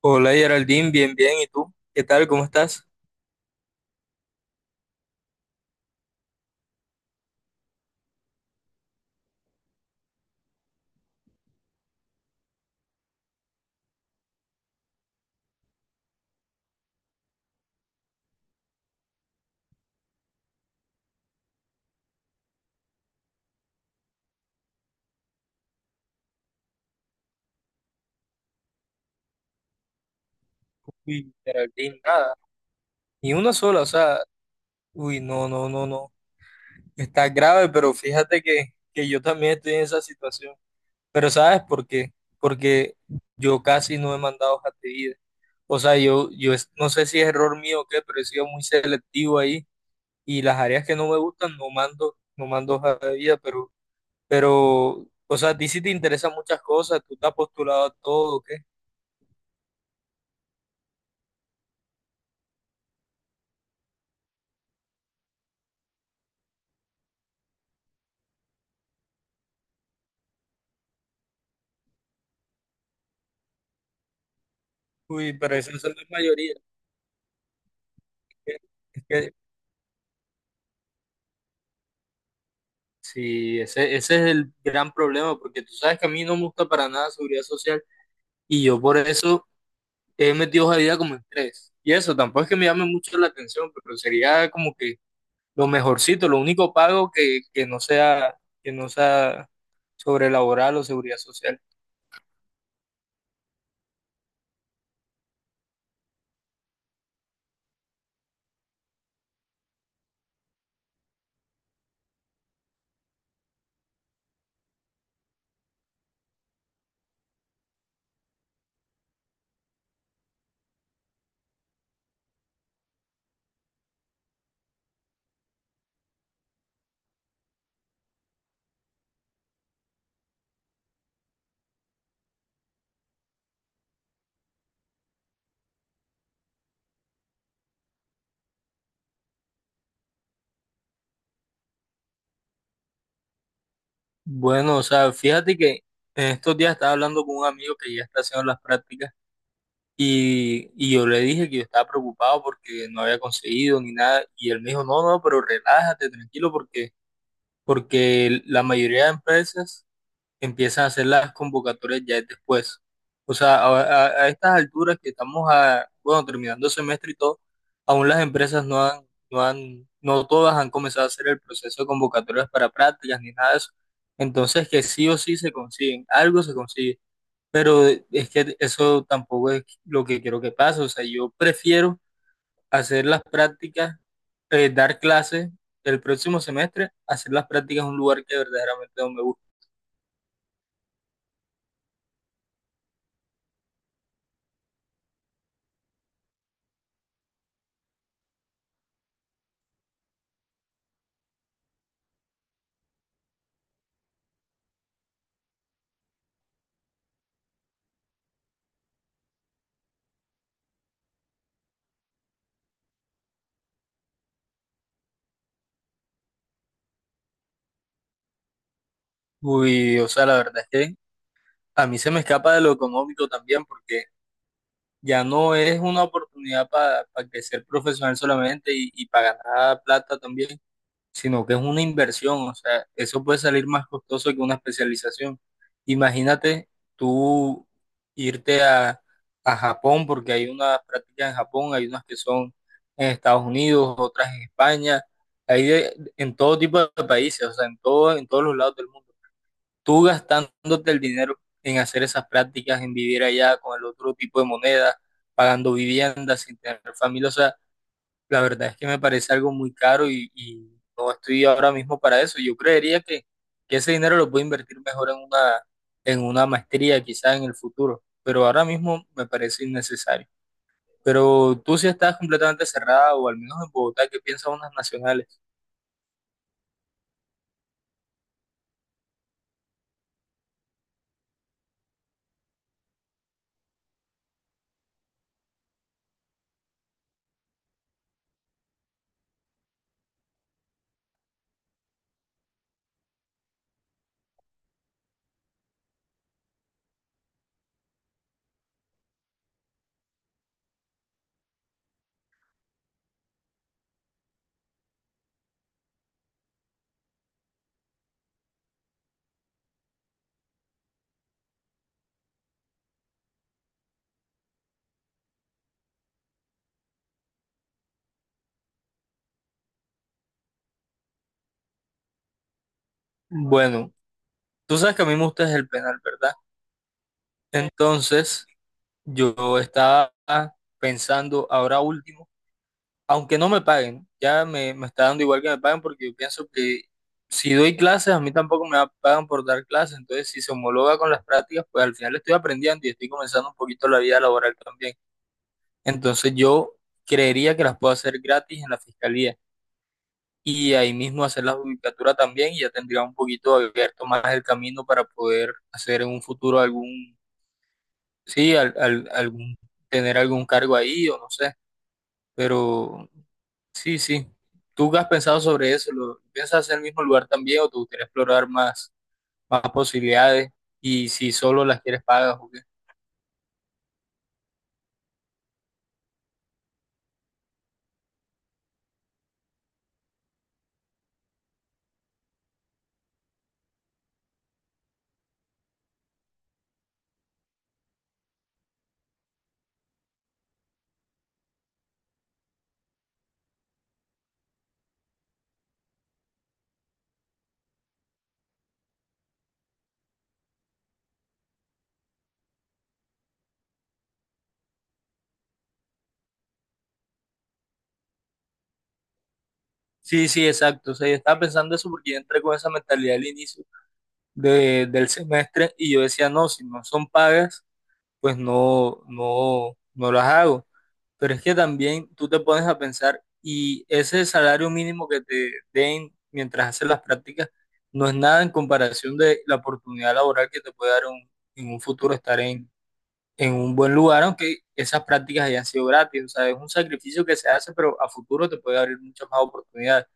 Hola Geraldine, bien, bien. ¿Y tú? ¿Qué tal? ¿Cómo estás? Uy, Geraldine, nada. Ni una sola, o sea, uy, no, no, no, no. Está grave, pero fíjate que yo también estoy en esa situación. Pero ¿sabes por qué? Porque yo casi no he mandado hojas de vida. O sea, yo no sé si es error mío o qué, pero he sido muy selectivo ahí. Y las áreas que no me gustan no mando, no mando hojas de vida, pero, o sea, a ti sí te interesan muchas cosas, tú te has postulado a todo, ¿o qué? Uy, pero eso es la mayoría. Es que sí, ese es el gran problema, porque tú sabes que a mí no me gusta para nada seguridad social y yo por eso he metido esa vida como en tres. Y eso tampoco es que me llame mucho la atención, pero sería como que lo mejorcito, lo único pago que no sea sobre laboral o seguridad social. Bueno, o sea, fíjate que en estos días estaba hablando con un amigo que ya está haciendo las prácticas. Y yo le dije que yo estaba preocupado porque no había conseguido ni nada. Y él me dijo, no, no, pero relájate, tranquilo, porque la mayoría de empresas empiezan a hacer las convocatorias ya después. O sea, a estas alturas que estamos a, bueno, terminando el semestre y todo, aún las empresas no todas han comenzado a hacer el proceso de convocatorias para prácticas ni nada de eso. Entonces, que sí o sí se consiguen, algo se consigue. Pero es que eso tampoco es lo que quiero que pase. O sea, yo prefiero hacer las prácticas, dar clases el próximo semestre, hacer las prácticas en un lugar que verdaderamente no me gusta. Uy, o sea, la verdad es que a mí se me escapa de lo económico también, porque ya no es una oportunidad para crecer profesional solamente y para ganar plata también, sino que es una inversión, o sea, eso puede salir más costoso que una especialización. Imagínate tú irte a Japón, porque hay unas prácticas en Japón, hay unas que son en Estados Unidos, otras en España, hay en todo tipo de países, o sea, en todo, en todos los lados del mundo. Tú gastándote el dinero en hacer esas prácticas, en vivir allá con el otro tipo de moneda, pagando viviendas sin tener familia, o sea, la verdad es que me parece algo muy caro y no estoy ahora mismo para eso. Yo creería que ese dinero lo puedo invertir mejor en una maestría, quizás en el futuro, pero ahora mismo me parece innecesario. Pero tú sí estás completamente cerrada, o al menos en Bogotá, ¿qué piensan unas nacionales? Bueno, tú sabes que a mí me gusta es el penal, ¿verdad? Entonces, yo estaba pensando ahora último, aunque no me paguen, ya me está dando igual que me paguen porque yo pienso que si doy clases, a mí tampoco me pagan por dar clases, entonces si se homologa con las prácticas, pues al final estoy aprendiendo y estoy comenzando un poquito la vida laboral también. Entonces yo creería que las puedo hacer gratis en la fiscalía y ahí mismo hacer la judicatura también y ya tendría un poquito abierto más el camino para poder hacer en un futuro algún, sí, algún, tener algún cargo ahí o no sé, pero sí, sí. ¿Tú qué has pensado sobre eso? ¿Lo piensas hacer en el mismo lugar también o te gustaría explorar más, más posibilidades? Y si solo las quieres pagas o qué. Sí, sí, exacto. O sea, yo estaba pensando eso porque yo entré con esa mentalidad al inicio del semestre y yo decía, no, si no son pagas, pues no, no, no las hago. Pero es que también tú te pones a pensar y ese salario mínimo que te den mientras haces las prácticas no es nada en comparación de la oportunidad laboral que te puede dar un, en un futuro estar en un buen lugar, aunque esas prácticas hayan sido gratis. O sea, es un sacrificio que se hace, pero a futuro te puede abrir muchas más oportunidades.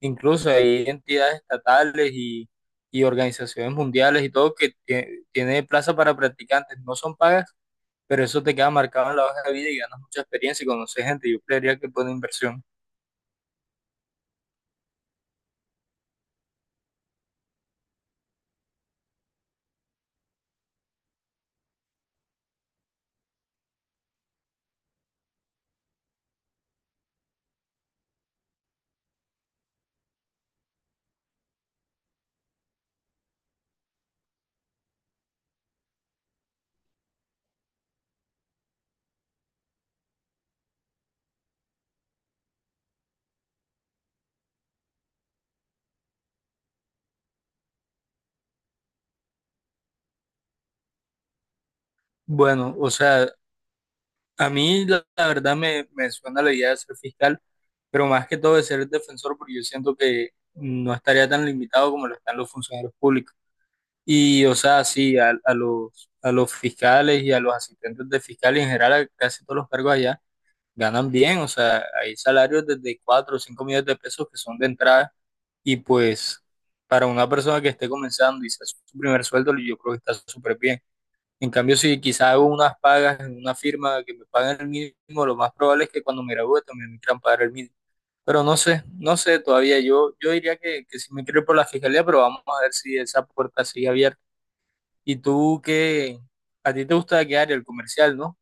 Incluso hay entidades estatales y organizaciones mundiales y todo que tiene plaza para practicantes. No son pagas, pero eso te queda marcado en la hoja de vida y ganas mucha experiencia y conoces gente. Yo creería que es buena inversión. Bueno, o sea, a mí la verdad me suena la idea de ser fiscal, pero más que todo de ser defensor, porque yo siento que no estaría tan limitado como lo están los funcionarios públicos. Y, o sea, sí, a a los fiscales y a los asistentes de fiscales en general, a casi todos los cargos allá, ganan bien, o sea, hay salarios desde 4 o 5 millones de pesos que son de entrada. Y pues para una persona que esté comenzando y sea su primer sueldo, yo creo que está súper bien. En cambio, si quizá hago unas pagas en una firma que me paguen el mínimo, lo más probable es que cuando me gradúe también me quieran pagar el mínimo. Pero no sé, no sé todavía. Yo diría que si me quiero ir por la fiscalía, pero vamos a ver si esa puerta sigue abierta. ¿Y tú qué? ¿A ti te gusta qué área? El comercial, ¿no?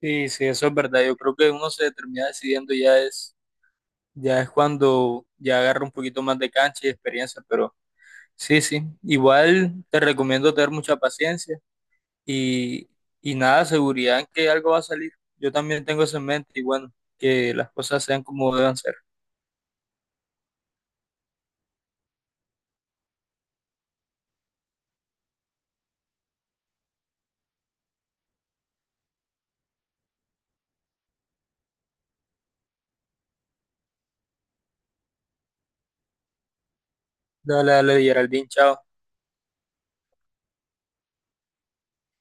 Sí, sí, eso es verdad. Yo creo que uno se termina decidiendo ya es cuando ya agarra un poquito más de cancha y experiencia, pero sí, sí. Igual te recomiendo tener mucha paciencia y, y nada, seguridad en que algo va a salir. Yo también tengo eso en mente y bueno, que las cosas sean como deban ser. Dale, dale, Geraldine, chao.